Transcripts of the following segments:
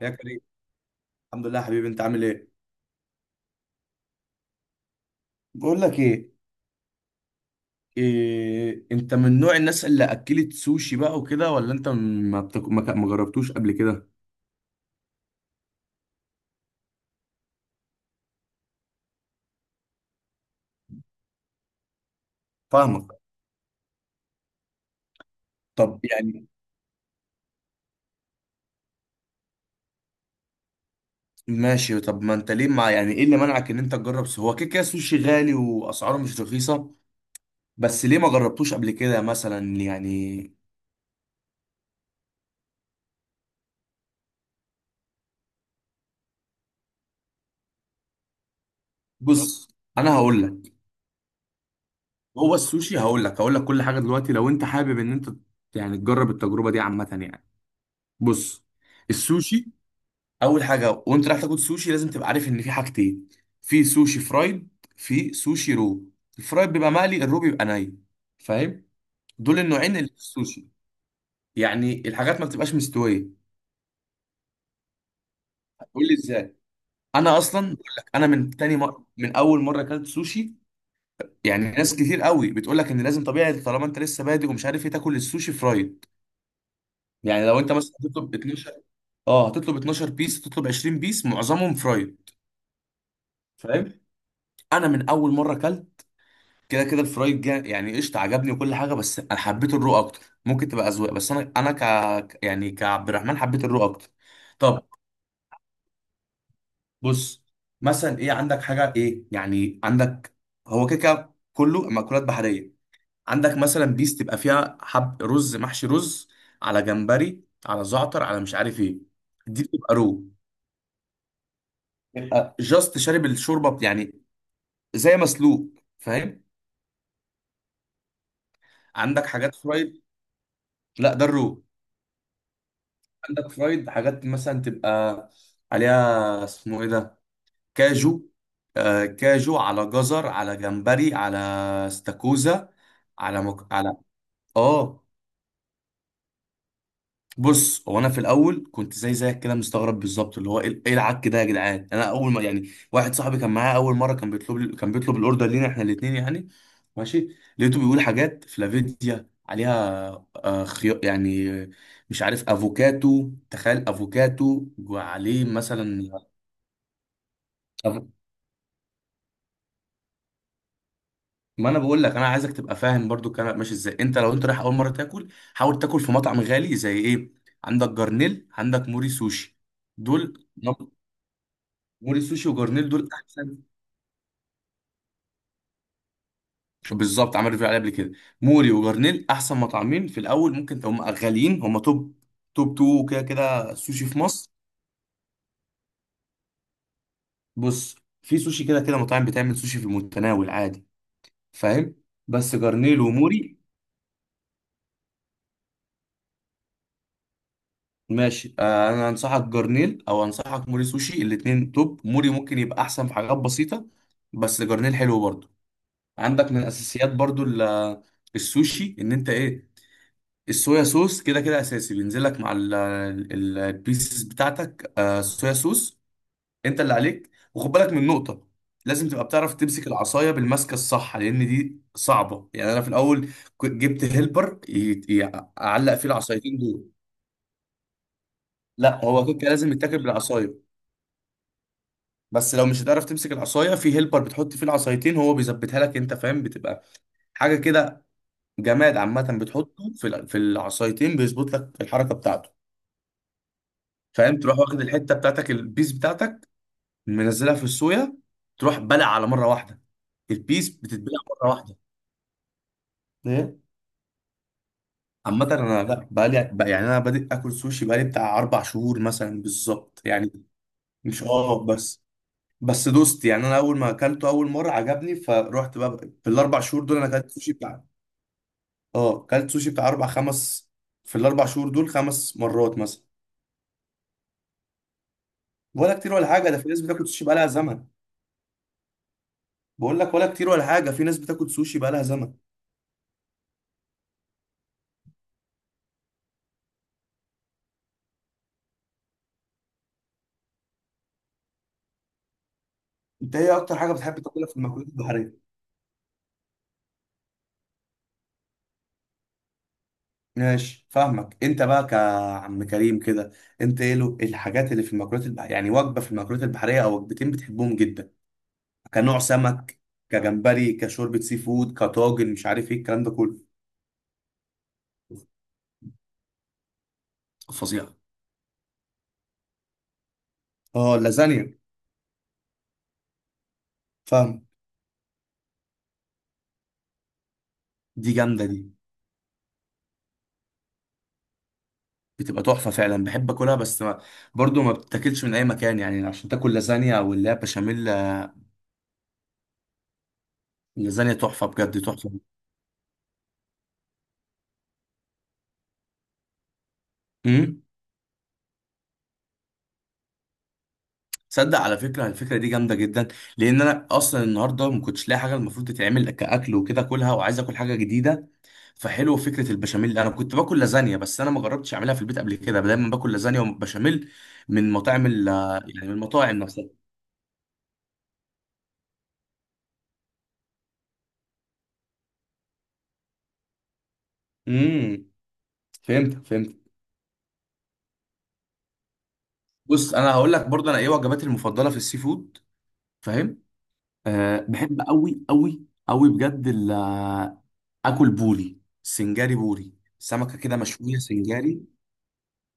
يا كريم، الحمد لله يا حبيبي. انت عامل ايه؟ بقول لك ايه، إيه، انت من نوع الناس اللي اكلت سوشي بقى وكده ولا انت ما بتك... ما ك- ما جربتوش قبل كده؟ فاهمك. طب يعني ماشي. طب ما انت ليه، مع يعني ايه اللي منعك ان انت هو كده كده سوشي غالي واسعاره مش رخيصه. بس ليه ما جربتوش قبل كده مثلا يعني؟ بص انا هقول لك. هو السوشي، هقول لك كل حاجه دلوقتي. لو انت حابب ان انت يعني تجرب التجربه دي عامه يعني. بص، السوشي اول حاجه. وانت رايح تاكل سوشي لازم تبقى عارف ان في حاجتين. في سوشي فرايد، في سوشي رو. الفرايد بيبقى مقلي، الرو بيبقى ني. فاهم؟ دول النوعين اللي في السوشي. يعني الحاجات ما بتبقاش مستويه. هتقول لي ازاي؟ انا اصلا بقول لك، انا من تاني مره، من اول مره اكلت سوشي يعني ناس كتير قوي بتقول لك ان لازم طبيعي طالما انت لسه بادئ ومش عارف ايه تاكل السوشي فرايد. يعني لو انت مثلا هتطلب 12. اه، هتطلب 12 بيس، هتطلب 20 بيس معظمهم فرايد. فاهم؟ انا من اول مره اكلت، كده كده الفرايد جا يعني قشطه، عجبني وكل حاجه، بس انا حبيت الرو اكتر. ممكن تبقى اذواق بس انا انا ك يعني كعبد الرحمن حبيت الرو اكتر. طب بص. مثلا ايه عندك حاجه، ايه يعني عندك؟ هو كده كده كله مأكولات بحريه. عندك مثلا بيس تبقى فيها حب رز، محشي رز، على جمبري، على زعتر، على مش عارف ايه. دي بتبقى رو. يبقى جاست شارب الشوربه يعني، زي مسلوق. فاهم؟ عندك حاجات فرايد. لا ده الرو. عندك فرايد حاجات مثلا تبقى عليها اسمه ايه ده، كاجو. آه كاجو على جزر، على جمبري، على استاكوزا، على اه. بص، هو انا في الاول كنت زي زيك كده مستغرب بالظبط، اللي هو ايه، إيه العك ده يا جدعان. انا اول ما، يعني واحد صاحبي كان معايا اول مره كان بيطلب الاوردر لينا احنا الاثنين يعني. ماشي، لقيته بيقول حاجات فلافيديا عليها، آه خيار يعني، مش عارف افوكاتو. تخيل افوكاتو وعليه مثلا. طب ما انا بقول لك انا عايزك تبقى فاهم برضو الكلام ماشي ازاي. انت لو انت رايح اول مره تاكل، حاول تاكل في مطعم غالي زي ايه. عندك جرنيل، عندك موري سوشي، دول. موري سوشي وجرنيل دول احسن. بالظبط، عملت ريفيو عليه قبل كده. موري وجرنيل احسن مطعمين. في الاول ممكن هم غاليين. هم توب توب تو كده كده سوشي في مصر. بص في سوشي كده كده مطاعم بتعمل سوشي في المتناول عادي. فاهم؟ بس جرنيل وموري ماشي. آه، انا انصحك جرنيل او انصحك موري سوشي. الاتنين توب. موري ممكن يبقى احسن في حاجات بسيطة بس جرنيل حلو برضو. عندك من اساسيات برضو ال- السوشي ان انت ايه، الصويا صوص كده كده اساسي بينزل لك مع البيسز بتاعتك. آه، الصويا صوص انت اللي عليك. وخد بالك من نقطة، لازم تبقى بتعرف تمسك العصاية بالمسكة الصح لان دي صعبة يعني. انا في الاول كنت جبت هيلبر، اعلق فيه العصايتين دول. لا هو كده لازم يتاكل بالعصاية بس لو مش هتعرف تمسك العصايه في هيلبر بتحط فيه العصايتين هو بيظبطها لك، انت فاهم، بتبقى حاجه كده، جماد عامه، بتحطه في العصايتين بيظبط لك الحركه بتاعته. فاهم؟ تروح واخد الحته بتاعتك، البيس بتاعتك منزلها في الصويا، تروح بلع على مره واحده. البيس بتتبلع مره واحده. ايه؟ عامة انا لا، بقالي بقى يعني، انا بادئ اكل سوشي بقالي بتاع اربع شهور مثلا بالظبط يعني. مش اه بس، بس دوست يعني، انا اول ما اكلته اول مره عجبني فروحت بقى. في الاربع شهور دول انا اكلت سوشي. اه كلت سوشي بتاع اربع خمس، في الاربع شهور دول خمس مرات مثلا. ولا كتير ولا حاجه، ده في ناس بتاكل سوشي بقالها زمن. بقول لك ولا كتير ولا حاجه، في ناس بتاكل سوشي بقالها زمن. انت ايه اكتر حاجه بتحب تاكلها في المأكولات البحريه؟ ماشي فاهمك. انت بقى كعم كريم كده، انت ايه له الحاجات اللي في المأكولات البحريه يعني، وجبه في المأكولات البحريه او وجبتين بتحبهم جدا؟ كنوع سمك، كجمبري، كشوربه سي فود، كطاجن، مش عارف ايه الكلام ده كله. فظيعة. اه اللازانيا. فاهم. دي جامده دي، بتبقى تحفة فعلا. بحب اكلها بس ما، برضو ما بتاكلش من اي مكان يعني عشان تاكل لازانيا او اللي هي بشاميل. اللازانيا تحفة بجد تحفة. امم. تصدق على فكرة الفكرة دي جامدة جدا. لان انا اصلا النهاردة ما كنتش لاقي حاجة المفروض تتعمل كاكل وكده اكلها، وعايز اكل حاجة جديدة. فحلو فكرة البشاميل. انا كنت باكل لازانيا بس انا ما جربتش اعملها في البيت قبل كده. دايما باكل لازانيا وبشاميل من مطاعم يعني من المطاعم نفسها. امم. فهمت. بص انا هقول لك برضه انا ايه وجباتي المفضله في السي فود. فاهم؟ أه بحب قوي قوي قوي بجد اكل بوري سنجاري. بوري سمكه كده مشويه سنجاري.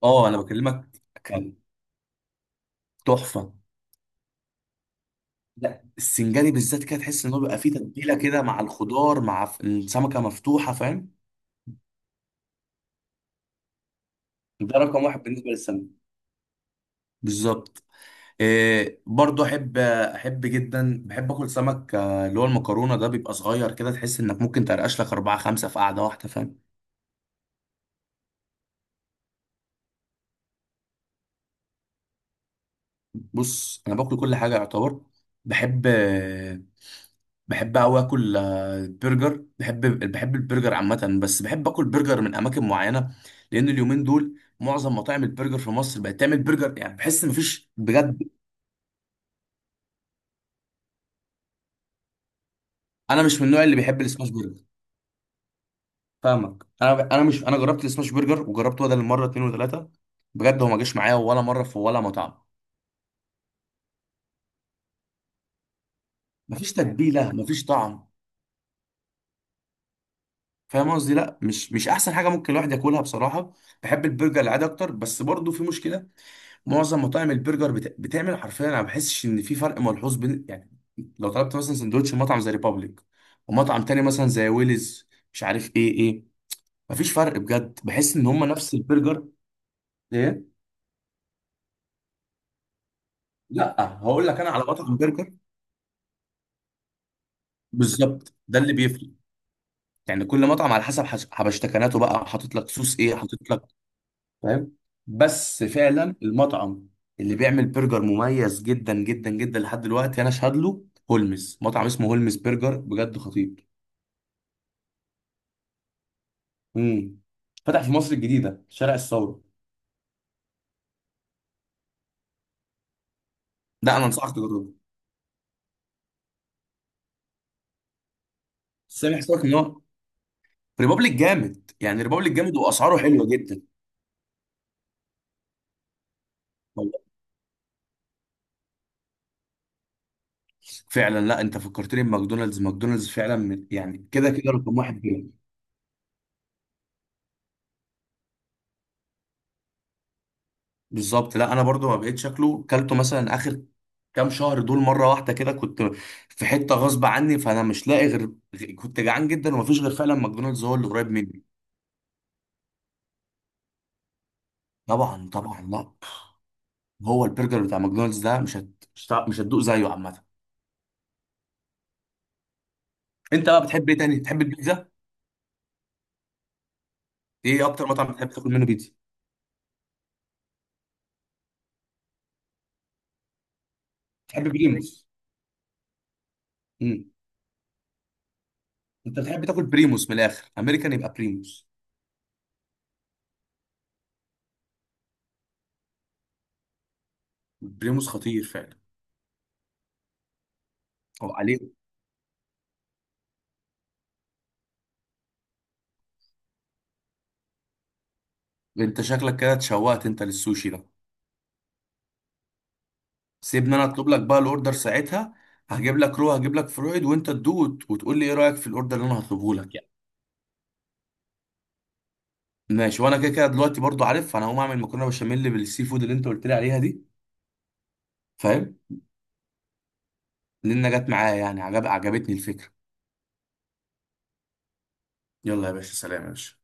اه انا بكلمك كان. تحفه. لا السنجاري بالذات كده تحس ان هو بيبقى فيه تتبيله كده مع الخضار السمكه مفتوحه فاهم. ده رقم واحد بالنسبه للسمك. بالظبط. إيه برضو احب جدا بحب اكل سمك. آه، اللي هو المكرونه ده بيبقى صغير كده تحس انك ممكن ترقش لك اربعه خمسه في قعده واحده. فاهم؟ بص انا باكل كل حاجه يعتبر. بحب، قوي اكل آه، برجر بحب. بحب البرجر عامه بس بحب اكل برجر من اماكن معينه لان اليومين دول معظم مطاعم البرجر في مصر بقت تعمل برجر يعني بحس ان مفيش بجد. انا مش من النوع اللي بيحب السماش برجر. فاهمك. انا انا مش انا جربت السماش برجر وجربته بدل مره اتنين وتلاته. بجد هو ما جاش معايا ولا مره في ولا مطعم. مفيش تتبيله، مفيش طعم. فاهم قصدي. لا مش مش احسن حاجه ممكن الواحد ياكلها بصراحه. بحب البرجر العادي اكتر بس برضو في مشكله. معظم مطاعم البرجر بتعمل حرفيا، انا ما بحسش ان في فرق ملحوظ بين، يعني لو طلبت مثلا سندوتش من مطعم زي ريبابليك ومطعم تاني مثلا زي ويلز، مش عارف ايه ايه. مفيش فرق بجد. بحس ان هم نفس البرجر. ايه؟ لا هقول لك انا على مطعم برجر. بالظبط ده اللي بيفرق. يعني كل مطعم على حسب حبشتكناته بقى، حاطط لك صوص ايه، حاطط لك. فاهم. بس فعلا المطعم اللي بيعمل برجر مميز جدا جدا جدا لحد دلوقتي انا اشهد له، هولمز، مطعم اسمه هولمز برجر بجد خطير. امم. فتح في مصر الجديده شارع الثوره. ده انا انصحك تجربه. سامح صوتك ان هو ريبابليك جامد، يعني ريبابليك جامد واسعاره حلوه جدا. والله فعلا. لا انت فكرتني بماكدونالدز. ماكدونالدز فعلا يعني كده كده رقم واحد. بالظبط. لا انا برضو ما بقيت شكله كلته مثلا اخر كام شهر دول مره واحده كده. كنت في حته غصب عني فانا مش لاقي غير، كنت جعان جدا ومفيش غير فعلا ماكدونالدز هو اللي قريب مني. طبعا طبعا. لا هو البرجر بتاع ماكدونالدز ده مش هتدوق زيه عامه. انت بقى بتحب ايه تاني؟ بتحب البيتزا؟ ايه اكتر مطعم بتحب تاكل منه بيتزا؟ بتحب بريموس. امم. انت بتحب تاكل بريموس. من الاخر امريكان يبقى بريموس. بريموس خطير فعلا. هو عليه. انت شكلك كده اتشوقت انت للسوشي ده. سيبني انا اطلب لك بقى الاوردر ساعتها. هجيب لك رو، هجيب لك فرويد، وانت تدوق وتقول لي ايه رايك في الاوردر اللي انا هطلبه لك يعني. ماشي. وانا كده كده دلوقتي برضو عارف انا هقوم اعمل مكرونه بشاميل بالسي فود اللي انت قلت لي عليها دي. فاهم. لان جت معايا يعني عجبتني الفكره. يلا يا باشا سلام يا باشا.